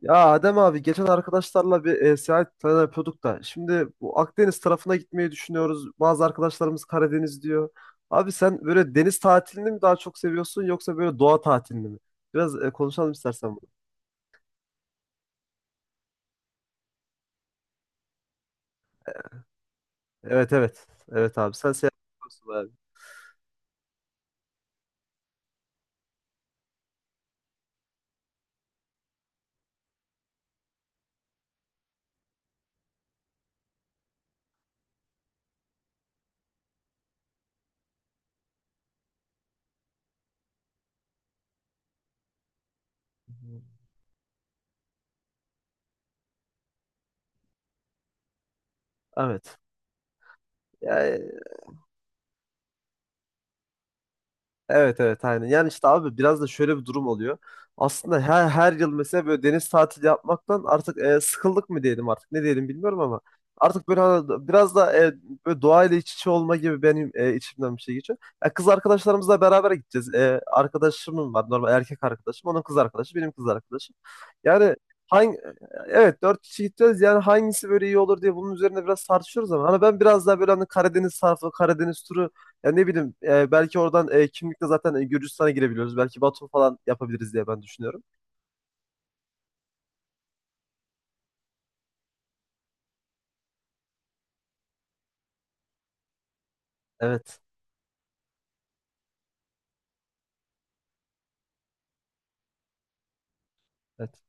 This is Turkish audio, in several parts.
Ya Adem abi geçen arkadaşlarla bir seyahat planı yapıyorduk da şimdi bu Akdeniz tarafına gitmeyi düşünüyoruz. Bazı arkadaşlarımız Karadeniz diyor. Abi sen böyle deniz tatilini mi daha çok seviyorsun yoksa böyle doğa tatilini mi? Biraz konuşalım istersen bunu. Evet, evet. Evet abi sen seyahat yapıyorsun abi. Evet. Ya, evet evet, aynen. Yani işte abi biraz da şöyle bir durum oluyor. Aslında her yıl mesela böyle deniz tatili yapmaktan artık sıkıldık mı diyelim artık ne diyelim bilmiyorum ama artık böyle hani biraz da böyle doğayla iç içe olma gibi benim içimden bir şey geçiyor. Ya kız arkadaşlarımızla beraber gideceğiz. E, arkadaşımın var normal erkek arkadaşım onun kız arkadaşı benim kız arkadaşım. Yani hangi evet dört kişi gideceğiz, yani hangisi böyle iyi olur diye bunun üzerine biraz tartışıyoruz ama hani ben biraz daha böyle hani Karadeniz tarafı Karadeniz turu ya ne bileyim belki oradan kimlikle zaten Gürcistan'a girebiliyoruz. Belki Batum falan yapabiliriz diye ben düşünüyorum. Evet. Evet.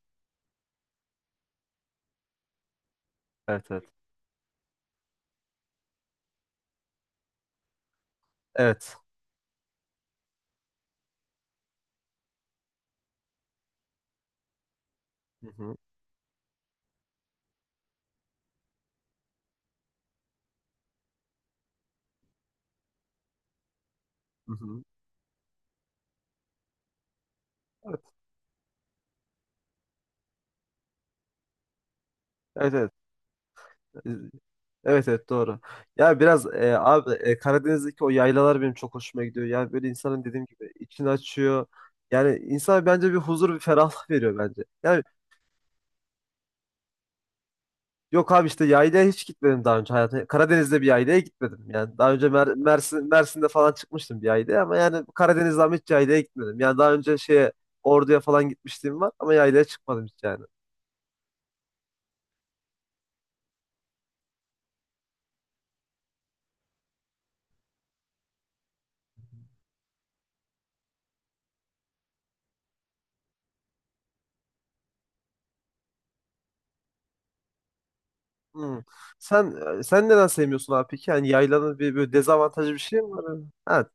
Evet. Evet. Evet. Hı hı. Hı hı. Evet. Evet. Evet. E, evet evet, doğru. Ya biraz abi Karadeniz'deki o yaylalar benim çok hoşuma gidiyor. Yani böyle insanın dediğim gibi içini açıyor. Yani insana bence bir huzur, bir ferahlık veriyor bence. Yani yok abi, işte yaylaya hiç gitmedim daha önce hayatımda. Karadeniz'de bir yaylaya gitmedim. Yani daha önce Mersin, Mersin'de falan çıkmıştım bir yaylaya ama yani Karadeniz'de ama hiç yaylaya gitmedim. Yani daha önce şeye Ordu'ya falan gitmişliğim var ama yaylaya çıkmadım hiç yani. Hmm. Sen sen neden sevmiyorsun abi peki? Yani yaylanın bir böyle dezavantajı bir şey mi var? Ha,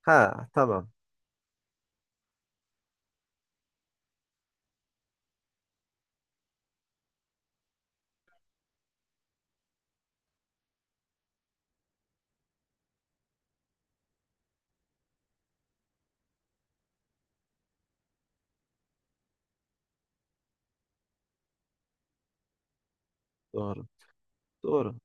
ha, tamam. Doğru. Doğru.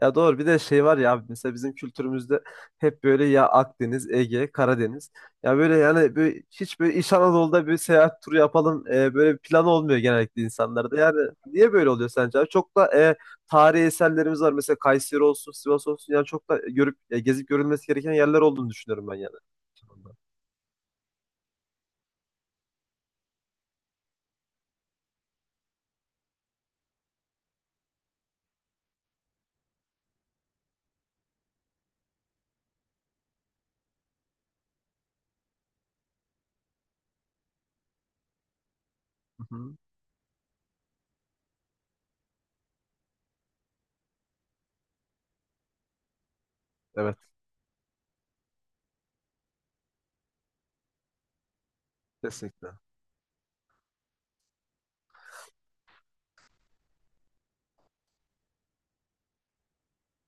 Ya doğru, bir de şey var ya abi, mesela bizim kültürümüzde hep böyle ya Akdeniz, Ege, Karadeniz. Ya böyle yani böyle hiç böyle İç Anadolu'da bir seyahat turu yapalım, böyle bir plan olmuyor genellikle insanlarda. Yani niye böyle oluyor sence abi? Çok da tarihi eserlerimiz var mesela Kayseri olsun, Sivas olsun, yani çok da görüp gezip görülmesi gereken yerler olduğunu düşünüyorum ben yani. Hı hı. Evet, kesinlikle.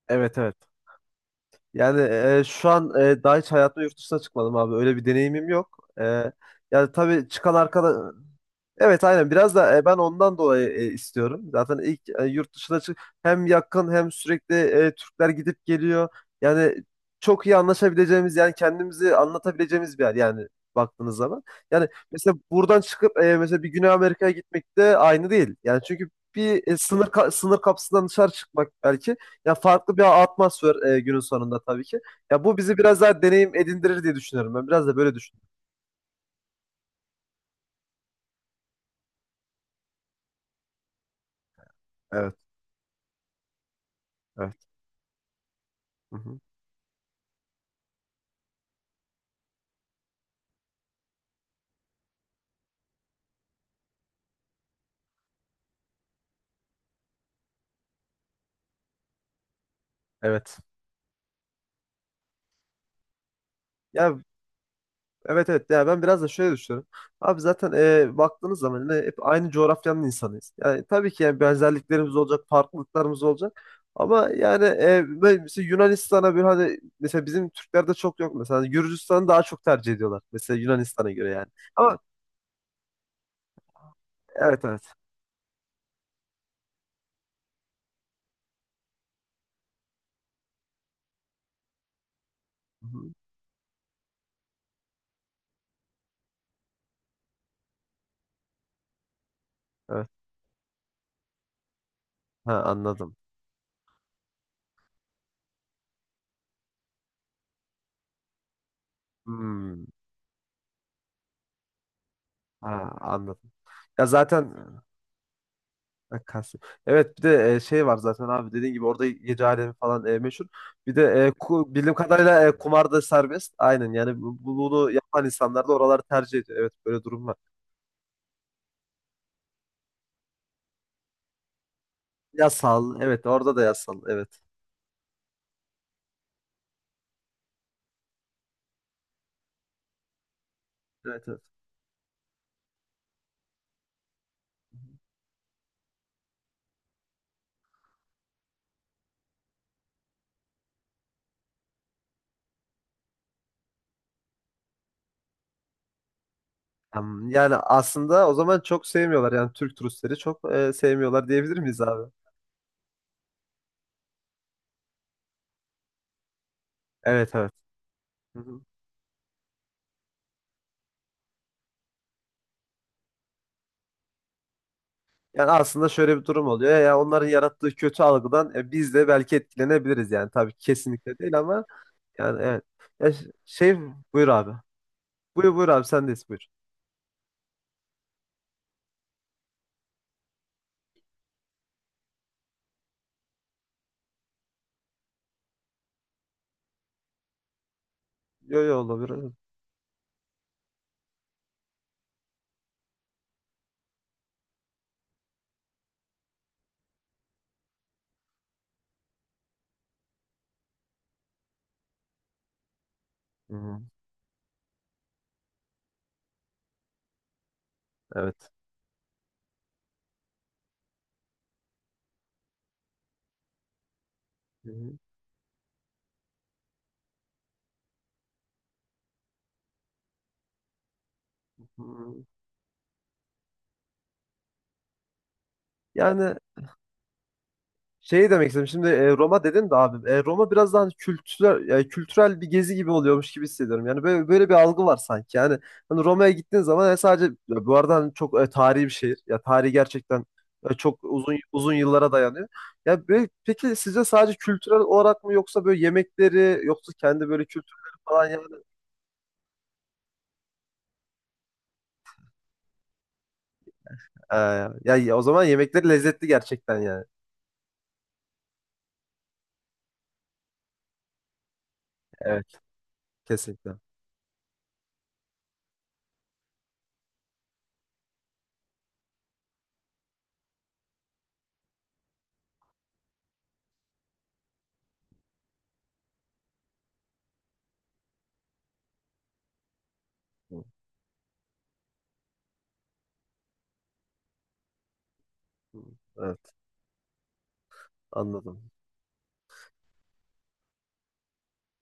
Evet evet. Yani şu an daha hiç hayatımda yurt dışına çıkmadım abi. Öyle bir deneyimim yok. E, yani tabii çıkan arkadaş... Evet aynen, biraz da ben ondan dolayı istiyorum. Zaten ilk yurt dışına çık, hem yakın hem sürekli Türkler gidip geliyor. Yani çok iyi anlaşabileceğimiz, yani kendimizi anlatabileceğimiz bir yer yani baktığınız zaman. Yani mesela buradan çıkıp mesela bir Güney Amerika'ya gitmek de aynı değil. Yani çünkü bir sınır kapısından dışarı çıkmak belki ya farklı bir atmosfer, günün sonunda tabii ki. Ya bu bizi biraz daha deneyim edindirir diye düşünüyorum ben. Biraz da böyle düşünüyorum. Evet, evet. Hı hı. Evet. Ya evet evet, ya ben biraz da şöyle düşünüyorum. Abi zaten baktığınız zaman yine hep aynı coğrafyanın insanıyız. Yani tabii ki yani benzerliklerimiz olacak, farklılıklarımız olacak. Ama yani böyle mesela Yunanistan'a bir hani, mesela bizim Türklerde çok yok mesela. Hani Gürcistan'ı daha çok tercih ediyorlar mesela Yunanistan'a göre yani. Ama evet evet. Hı hı. Evet. Ha, anladım. Hmm. Ha, anladım. Ya zaten Kasım. Evet bir de şey var zaten abi, dediğin gibi orada gece alemi falan meşhur. Bir de bildiğim kadarıyla kumar da serbest. Aynen, yani bunu yapan insanlar da oraları tercih ediyor. Evet, böyle durum var. Yasal, evet orada da yasal, evet. Evet evet. Yani aslında o zaman çok sevmiyorlar, yani Türk turistleri çok sevmiyorlar diyebilir miyiz abi? Evet evet. Hı hı. Yani aslında şöyle bir durum oluyor. Ya onların yarattığı kötü algıdan biz de belki etkilenebiliriz yani. Tabii ki kesinlikle değil ama yani evet. Ya şey, buyur abi. Buyur, buyur abi, sendeyiz, buyur. Yo yo, olabilir. Hı hı. Evet. Hı hı. Hı. Yani şey demek istedim. Şimdi Roma dedin de abi. Roma biraz daha hani kültürel, yani kültürel bir gezi gibi oluyormuş gibi hissediyorum. Yani böyle böyle bir algı var sanki. Yani hani Roma'ya gittiğin zaman sadece ya, bu arada hani çok tarihi bir şehir. Ya tarihi gerçekten çok uzun uzun yıllara dayanıyor. Ya böyle, peki sizce sadece kültürel olarak mı yoksa böyle yemekleri yoksa kendi böyle kültürleri falan yani? Ee, ya ya o zaman yemekleri lezzetli gerçekten yani. Evet. Kesinlikle. Hı, hı. Evet, anladım.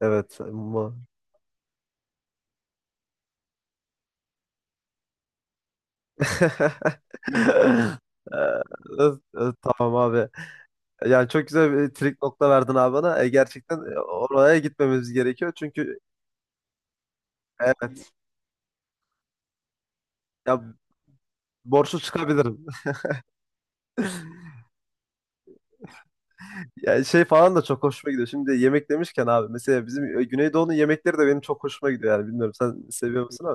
Evet, ama... Ee, evet, evet, tamam abi. Yani çok güzel bir trik nokta verdin abi bana. E, gerçekten oraya gitmemiz gerekiyor. Çünkü evet, ya borçlu çıkabilirim. Yani şey falan da çok hoşuma gidiyor. Şimdi yemek demişken abi mesela bizim Güneydoğu'nun yemekleri de benim çok hoşuma gidiyor yani, bilmiyorum sen seviyor musun?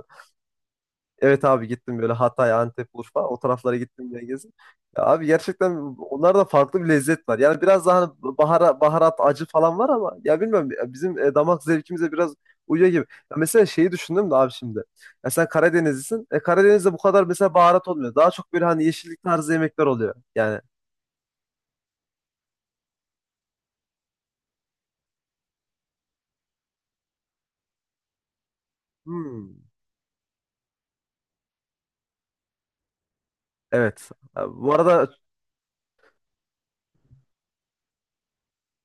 Evet abi, gittim böyle Hatay, Antep, Urfa o taraflara gittim diye gezdim. Ya abi gerçekten onlarda farklı bir lezzet var. Yani biraz daha hani baharat, acı falan var ama ya bilmiyorum ya bizim damak zevkimize biraz uyuyor gibi. Ya mesela şeyi düşündüm de abi şimdi. Ya sen Karadenizlisin. E, Karadeniz'de bu kadar mesela baharat olmuyor. Daha çok böyle hani yeşillik tarzı yemekler oluyor. Yani hmm, evet. Ya bu arada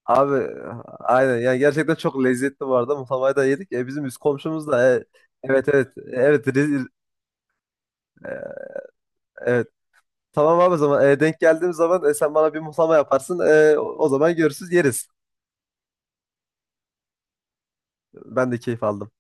abi, aynen yani gerçekten çok lezzetli bu arada. Muhlamayı da yedik. E, bizim üst komşumuz da evet evet. E, evet e, evet, tamam abi. O zaman denk geldiğim zaman sen bana bir muhlama yaparsın. E, o o zaman görürsüz yeriz. Ben de keyif aldım.